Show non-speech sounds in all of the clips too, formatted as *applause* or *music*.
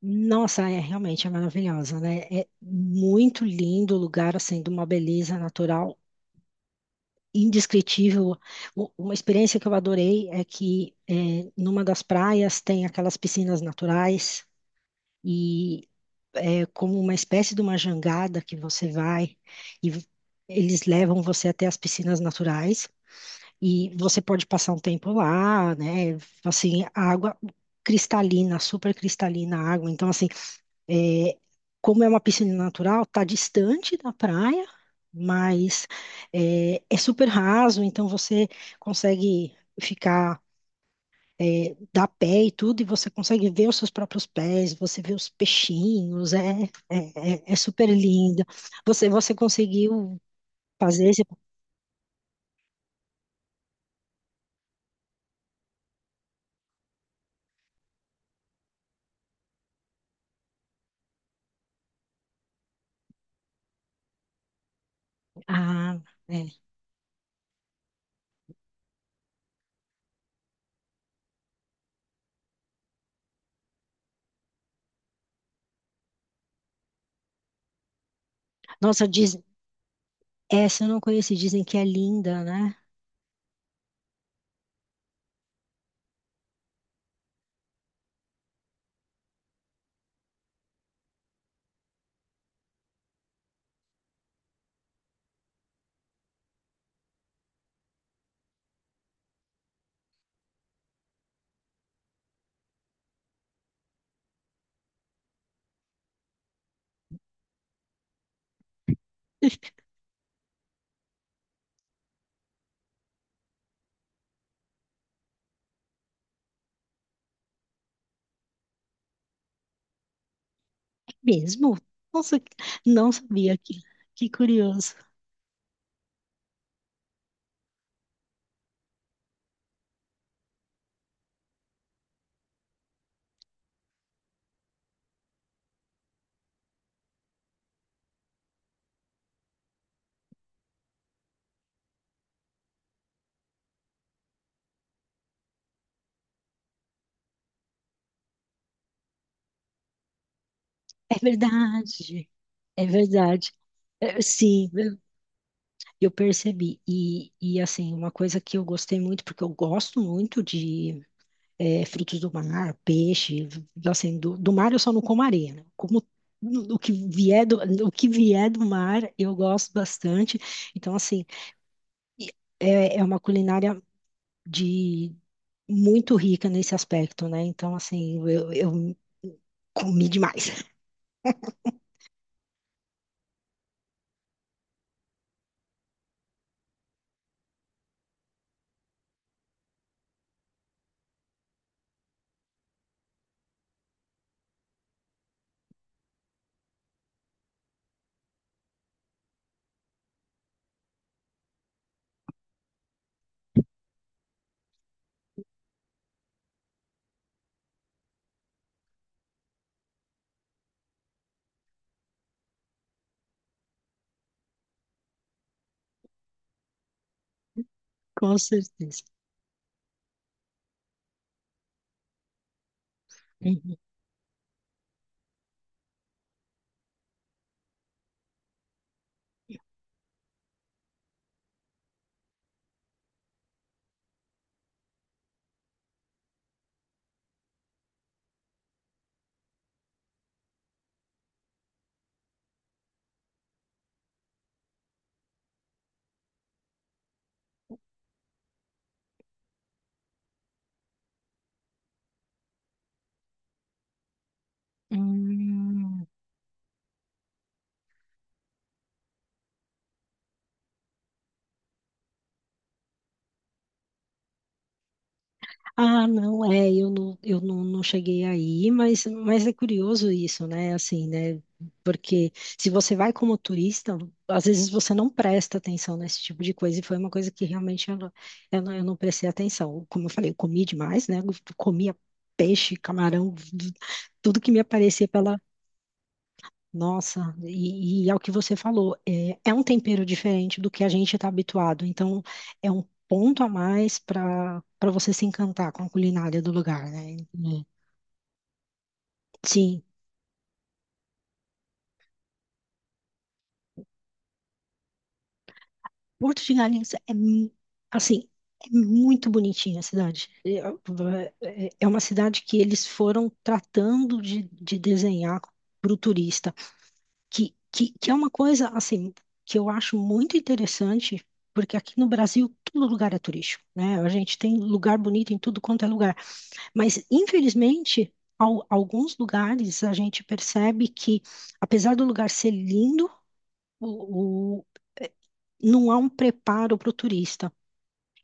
Nossa, realmente é maravilhosa, né? É muito lindo o lugar, assim, de uma beleza natural indescritível. Uma experiência que eu adorei é numa das praias tem aquelas piscinas naturais, e é como uma espécie de uma jangada que você vai, e v- eles levam você até as piscinas naturais, e você pode passar um tempo lá, né? Assim, a água cristalina, super cristalina a água. Então, assim, é, como é uma piscina natural, está distante da praia, mas é super raso, então você consegue ficar, dar pé e tudo, e você consegue ver os seus próprios pés, você vê os peixinhos, é super lindo. Você conseguiu fazer esse... Ah, é. Nossa, diz... essa eu não conheci, dizem que é linda, né? É mesmo? Nossa, não sabia, que curioso. É verdade. É verdade. É, sim, eu percebi. Assim, uma coisa que eu gostei muito, porque eu gosto muito de, frutos do mar, peixe, assim, do mar eu só não como areia, né? Como o que vier do, o que vier do mar eu gosto bastante. Então, assim, e é uma culinária de muito rica nesse aspecto, né? Então, assim, eu comi demais. *laughs* Com certeza. Uhum. Hum. Ah, não, é, eu não, não cheguei aí, mas é curioso isso, né? Assim, né? Porque se você vai como turista, às vezes você não presta atenção nesse tipo de coisa, e foi uma coisa que realmente eu não prestei atenção. Como eu falei, eu comi demais, né? Eu comia peixe, camarão, tudo que me aparecia pela nossa, e é o que você falou, é, é um tempero diferente do que a gente está habituado, então é um ponto a mais para você se encantar com a culinária do lugar, né? Hum. Sim, Porto de Galinhas é mu- assim, é muito bonitinha a cidade. É, é uma cidade que eles foram tratando de desenhar para o turista. Que é uma coisa, assim, que eu acho muito interessante, porque aqui no Brasil todo lugar é turístico, né? A gente tem lugar bonito em tudo quanto é lugar, mas infelizmente, alguns lugares a gente percebe que, apesar do lugar ser lindo, o, o- eh, não há um preparo para o turista.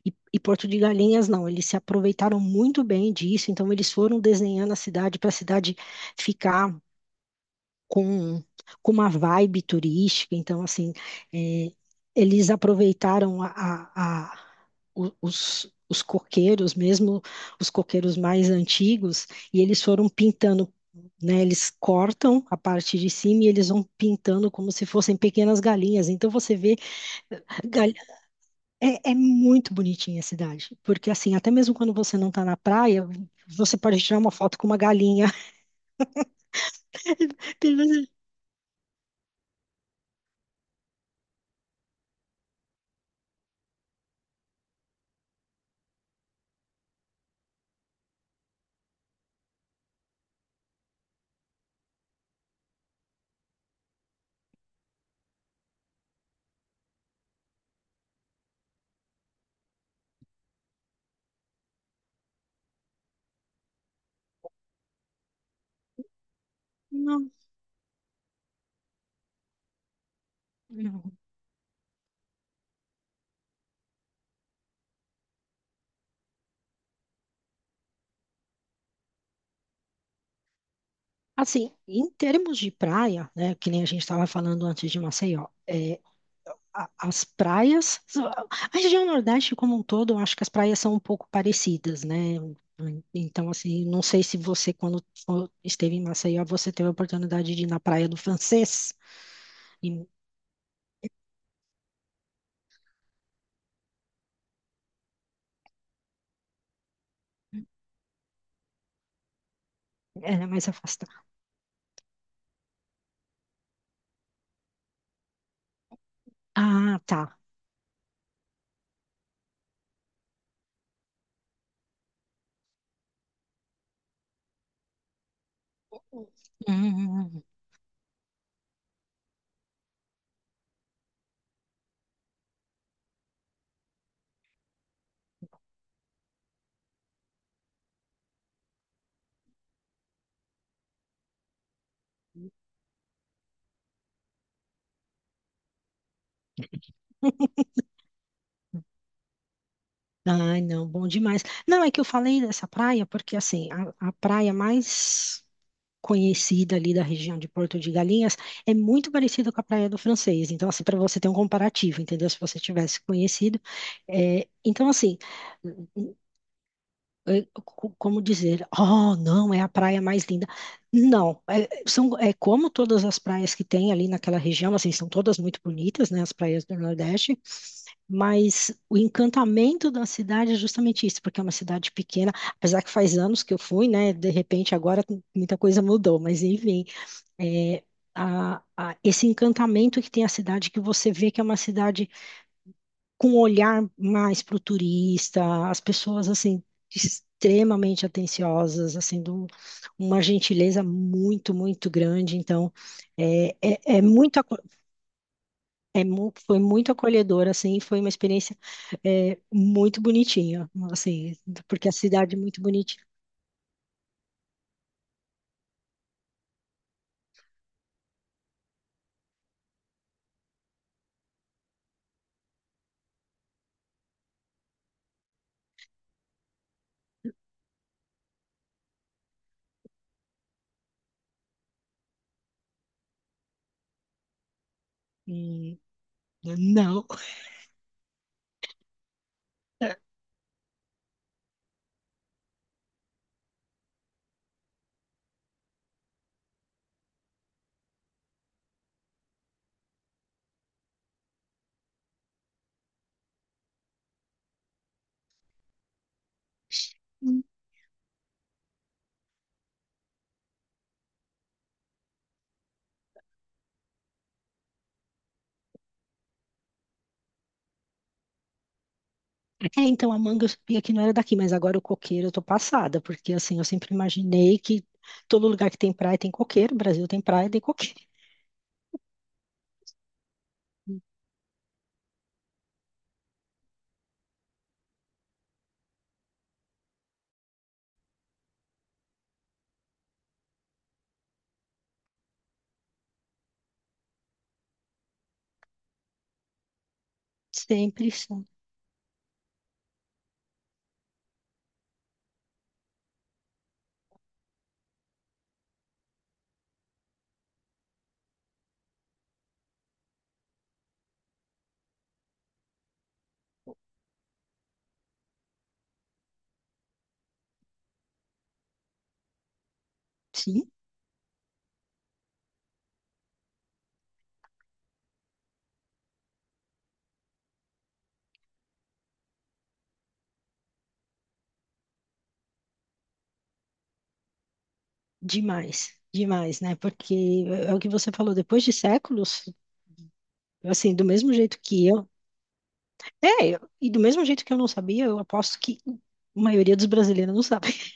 E Porto de Galinhas, não, eles se aproveitaram muito bem disso, então eles foram desenhando a cidade para a cidade ficar com, com uma vibe turística. Então, assim, é, eles aproveitaram os coqueiros, mesmo os coqueiros mais antigos, e eles foram pintando, né? Eles cortam a parte de cima e eles vão pintando como se fossem pequenas galinhas. Então, você vê, gal- é muito bonitinha a cidade, porque, assim, até mesmo quando você não está na praia, você pode tirar uma foto com uma galinha. *laughs* Tem vezes- Não. Assim, em termos de praia, né, que nem a gente estava falando antes de Maceió, é, as praias, a região Nordeste como um todo, eu acho que as praias são um pouco parecidas, né? Então, assim, não sei se você, esteve em Maceió, você teve a oportunidade de ir na Praia do Francês, e ela é, né, mais afastada. Ah, tá. Hum, hum. Ai, não, bom demais. Não, é que eu falei dessa praia porque, assim, a praia mais conhecida ali da região de Porto de Galinhas é muito parecida com a Praia do Francês. Então, assim, para você ter um comparativo, entendeu? Se você tivesse conhecido. É, então, assim, é, como dizer, oh, não, é a praia mais linda. Não, é como todas as praias que tem ali naquela região, assim, são todas muito bonitas, né, as praias do Nordeste, mas o encantamento da cidade é justamente isso, porque é uma cidade pequena, apesar que faz anos que eu fui, né, de repente agora muita coisa mudou, mas enfim, é, esse encantamento que tem a cidade, que você vê que é uma cidade com um olhar mais para o turista, as pessoas assim extremamente atenciosas, assim, uma gentileza muito, muito grande. Então, é muito, foi muito acolhedor, assim, foi uma experiência, muito bonitinha, assim, porque a cidade é muito bonitinha. Hum, Não. É, então a manga eu sabia que não era daqui, mas agora o coqueiro eu tô passada, porque assim, eu sempre imaginei que todo lugar que tem praia tem coqueiro, Brasil tem praia, tem coqueiro. Sempre são. Sim, demais, demais, né? Porque é o que você falou, depois de séculos, assim, do mesmo jeito que eu. É, e do mesmo jeito que eu não sabia, eu aposto que a maioria dos brasileiros não sabe. *laughs*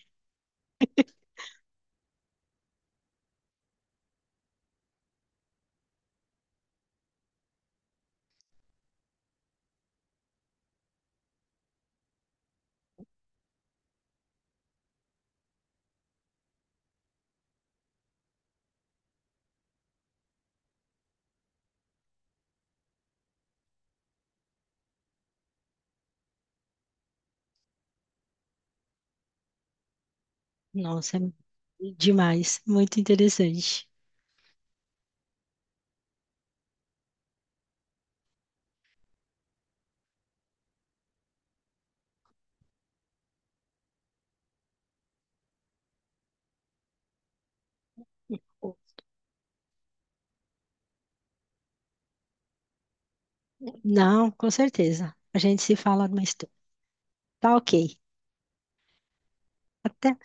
Nossa, é demais, muito interessante. Não, com certeza. A gente se fala mais tarde. Tá ok. Até.